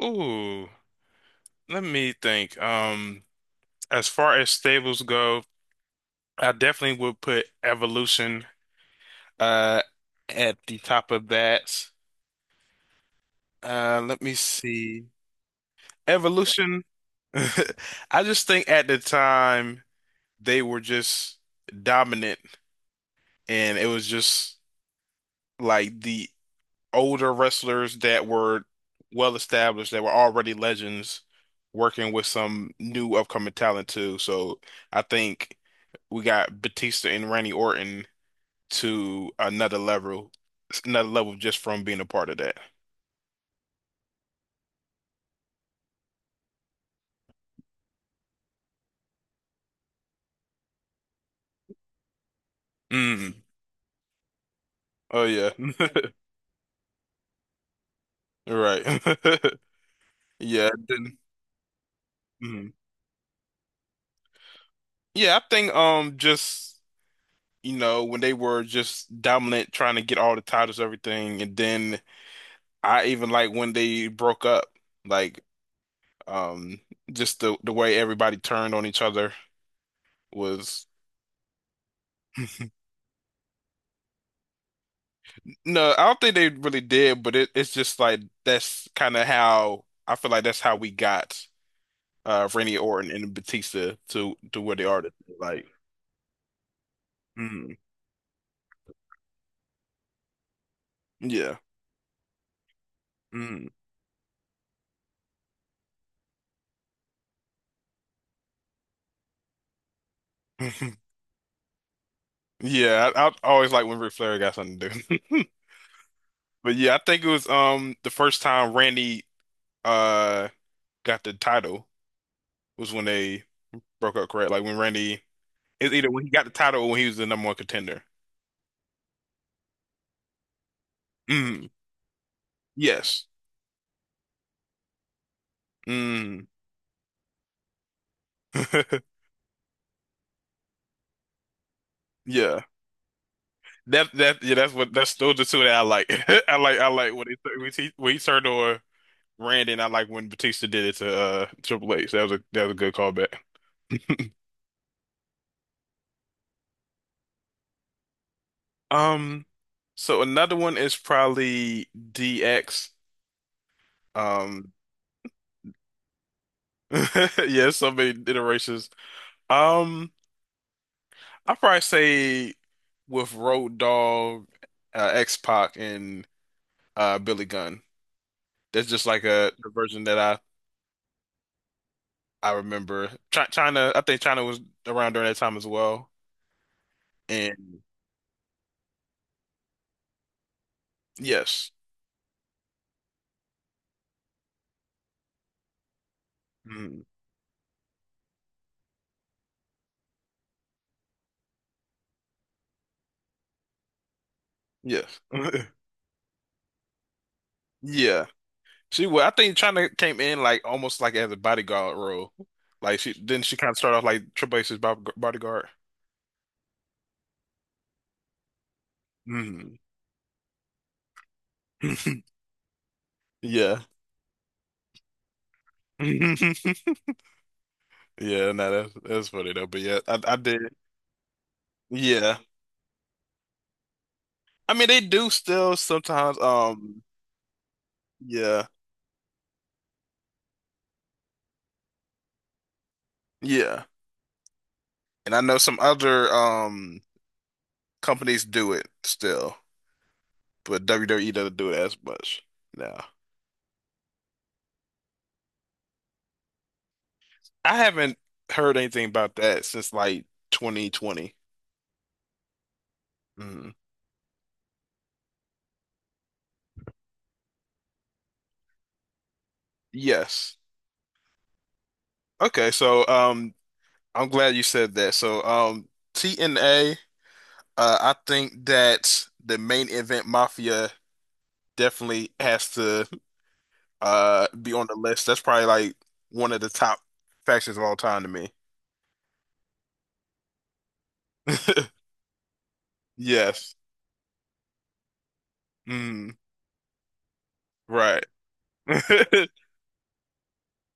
Ooh, let me think. As far as stables go, I definitely would put Evolution uh at the top of that. Let me see. Evolution. I just think at the time they were just dominant, and it was just like the older wrestlers that were well established, that were already legends, working with some new upcoming talent too. So I think. We got Batista and Randy Orton to another level just from being a part of that. Mm. Oh yeah. Right. Yeah, then mhm. Yeah, I think just you know when they were just dominant trying to get all the titles everything and then I even like when they broke up like um just the way everybody turned on each other was. No, I don't think they really did, but it's just like that's kind of how I feel like that's how we got Randy Orton and Batista to where they are today. Like, mm, yeah, mm. Yeah, I always like when Ric Flair got something to do. But yeah, I think it was the first time Randy uh got the title was when they broke up, correct? Like when Randy it's either when he got the title or when he was the number one contender. Mm, yes. Mm. Yeah. That yeah, that's what that's those are two that I like. I like when he turned on Randy, and I like when Batista did it to Triple H. That was a good callback. Um, so another one is probably DX. Um, yeah, so many iterations. Um, I'd probably say with Road Dogg, X-Pac, and Billy Gunn. That's just like a version that I remember China. I think China was around during that time as well. And yes, mm, yes, yeah. She well, I think China came in like almost like as a bodyguard role. Like she didn't she kind of start off like Triple H's bodyguard. Mm. Yeah. Yeah, no, that's funny though. But yeah, I did. Yeah, I mean they do still sometimes. Yeah, yeah, and I know some other companies do it still, but WWE doesn't do it as much now. I haven't heard anything about that since like 2020. Mhm. Yes. Okay, so I'm glad you said that. So TNA, I think that the main event Mafia definitely has to be on the list. That's probably like one of the top factions of all time to me. Yes. Mm, right.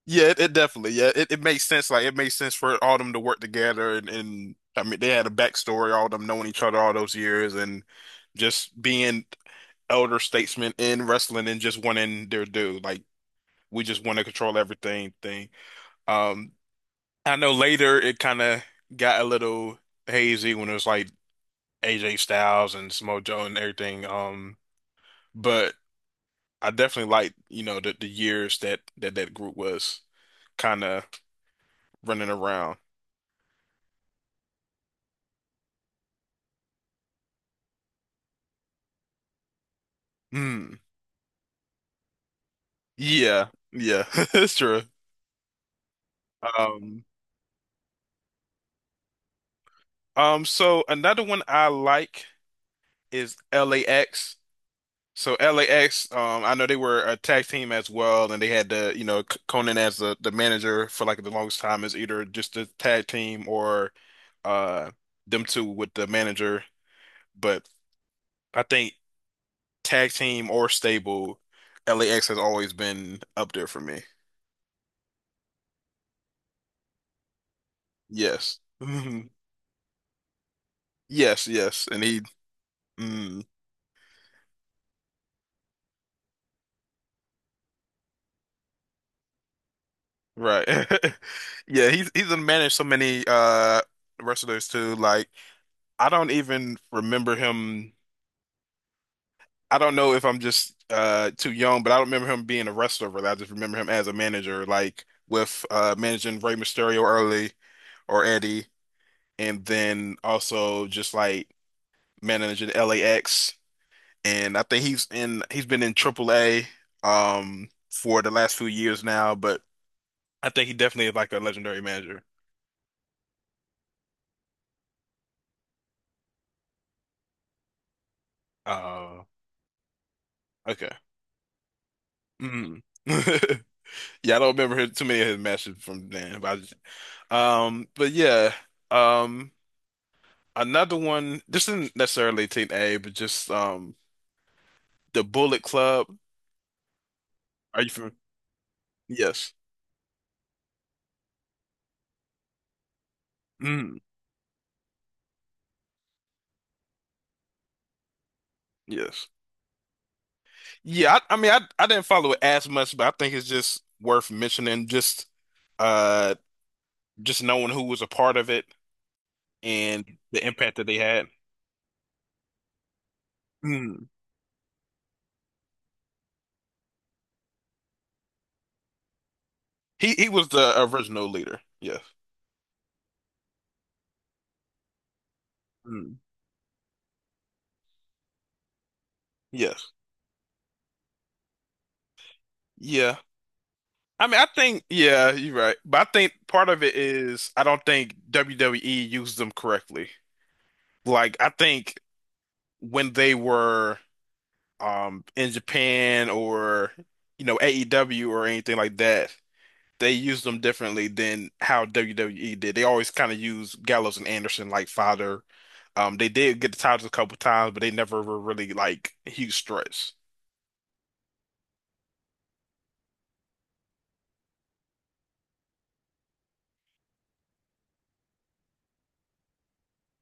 Yeah, it definitely. Yeah, it makes sense. Like it makes sense for all them to work together, and I mean they had a backstory, all them knowing each other all those years, and just being elder statesmen in wrestling and just wanting their due. Like we just want to control everything thing. Um, I know later it kind of got a little hazy when it was like AJ Styles and Samoa Joe and everything. But I definitely like you know the years that that group was kind of running around. Mm. Yeah, yeah, it's true. Um, so another one I like is LAX. So LAX, I know they were a tag team as well, and they had the, you know, Conan as the manager for like the longest time as either just a tag team or uh them two with the manager. But I think tag team or stable, LAX has always been up there for me. Yes. Yes, yes. And he mm. Right. Yeah, he's done managed so many wrestlers too. Like I don't even remember him. I don't know if I'm just too young, but I don't remember him being a wrestler really. I just remember him as a manager, like with managing Rey Mysterio early or Eddie, and then also just like managing LAX. And I think he's in he's been in AAA for the last few years now, but I think he definitely is like a legendary manager. Uh okay. Mm. Yeah, I don't remember his, too many of his matches from then, but but yeah, um, another one. This isn't necessarily Team A, but just the Bullet Club. Are you from? Yes. Mm, yes. Yeah. I mean, I didn't follow it as much, but I think it's just worth mentioning. Uh, just knowing who was a part of it and the impact that they had. Mm. He was the original leader. Yes. Mm. Yes. Yeah. I mean, I think, yeah, you're right. But I think part of it is I don't think WWE used them correctly. Like, I think when they were in Japan or, you know, AEW or anything like that, they used them differently than how WWE did. They always kind of used Gallows and Anderson like fodder. They did get the titles a couple times, but they never were really like huge threats.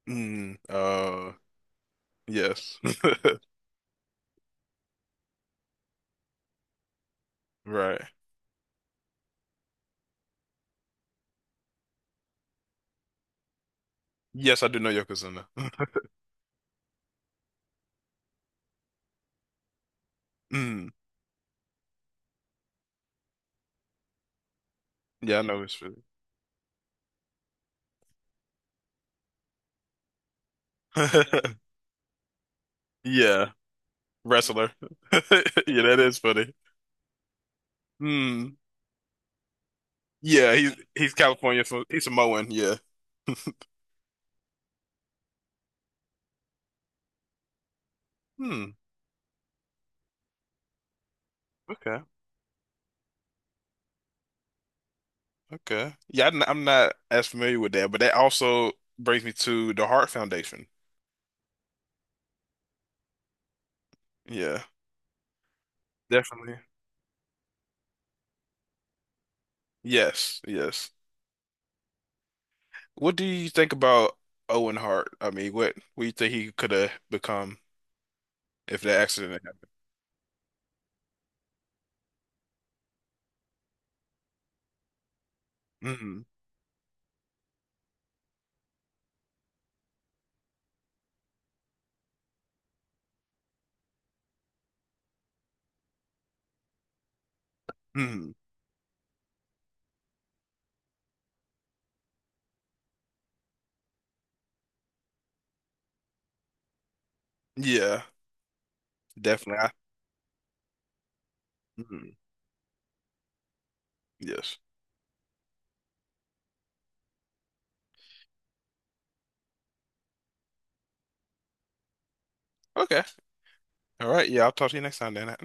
Mm, yes. Right. Yes, I do know Yokozuna. Mm. Yeah, I know it's funny. Yeah, wrestler. Yeah, that is funny. Hmm. Yeah, he's California, so he's Samoan. Yeah. Hmm. Okay. Okay. Yeah, I'm not as familiar with that, but that also brings me to the Heart Foundation. Yeah, definitely. Yes. Yes. What do you think about Owen Hart? I mean, what do you think he could have become if that accident had happened? Hmm hmm. Yeah, definitely. Mhm. Yes. Okay. All right. Yeah, I'll talk to you next time, Dan.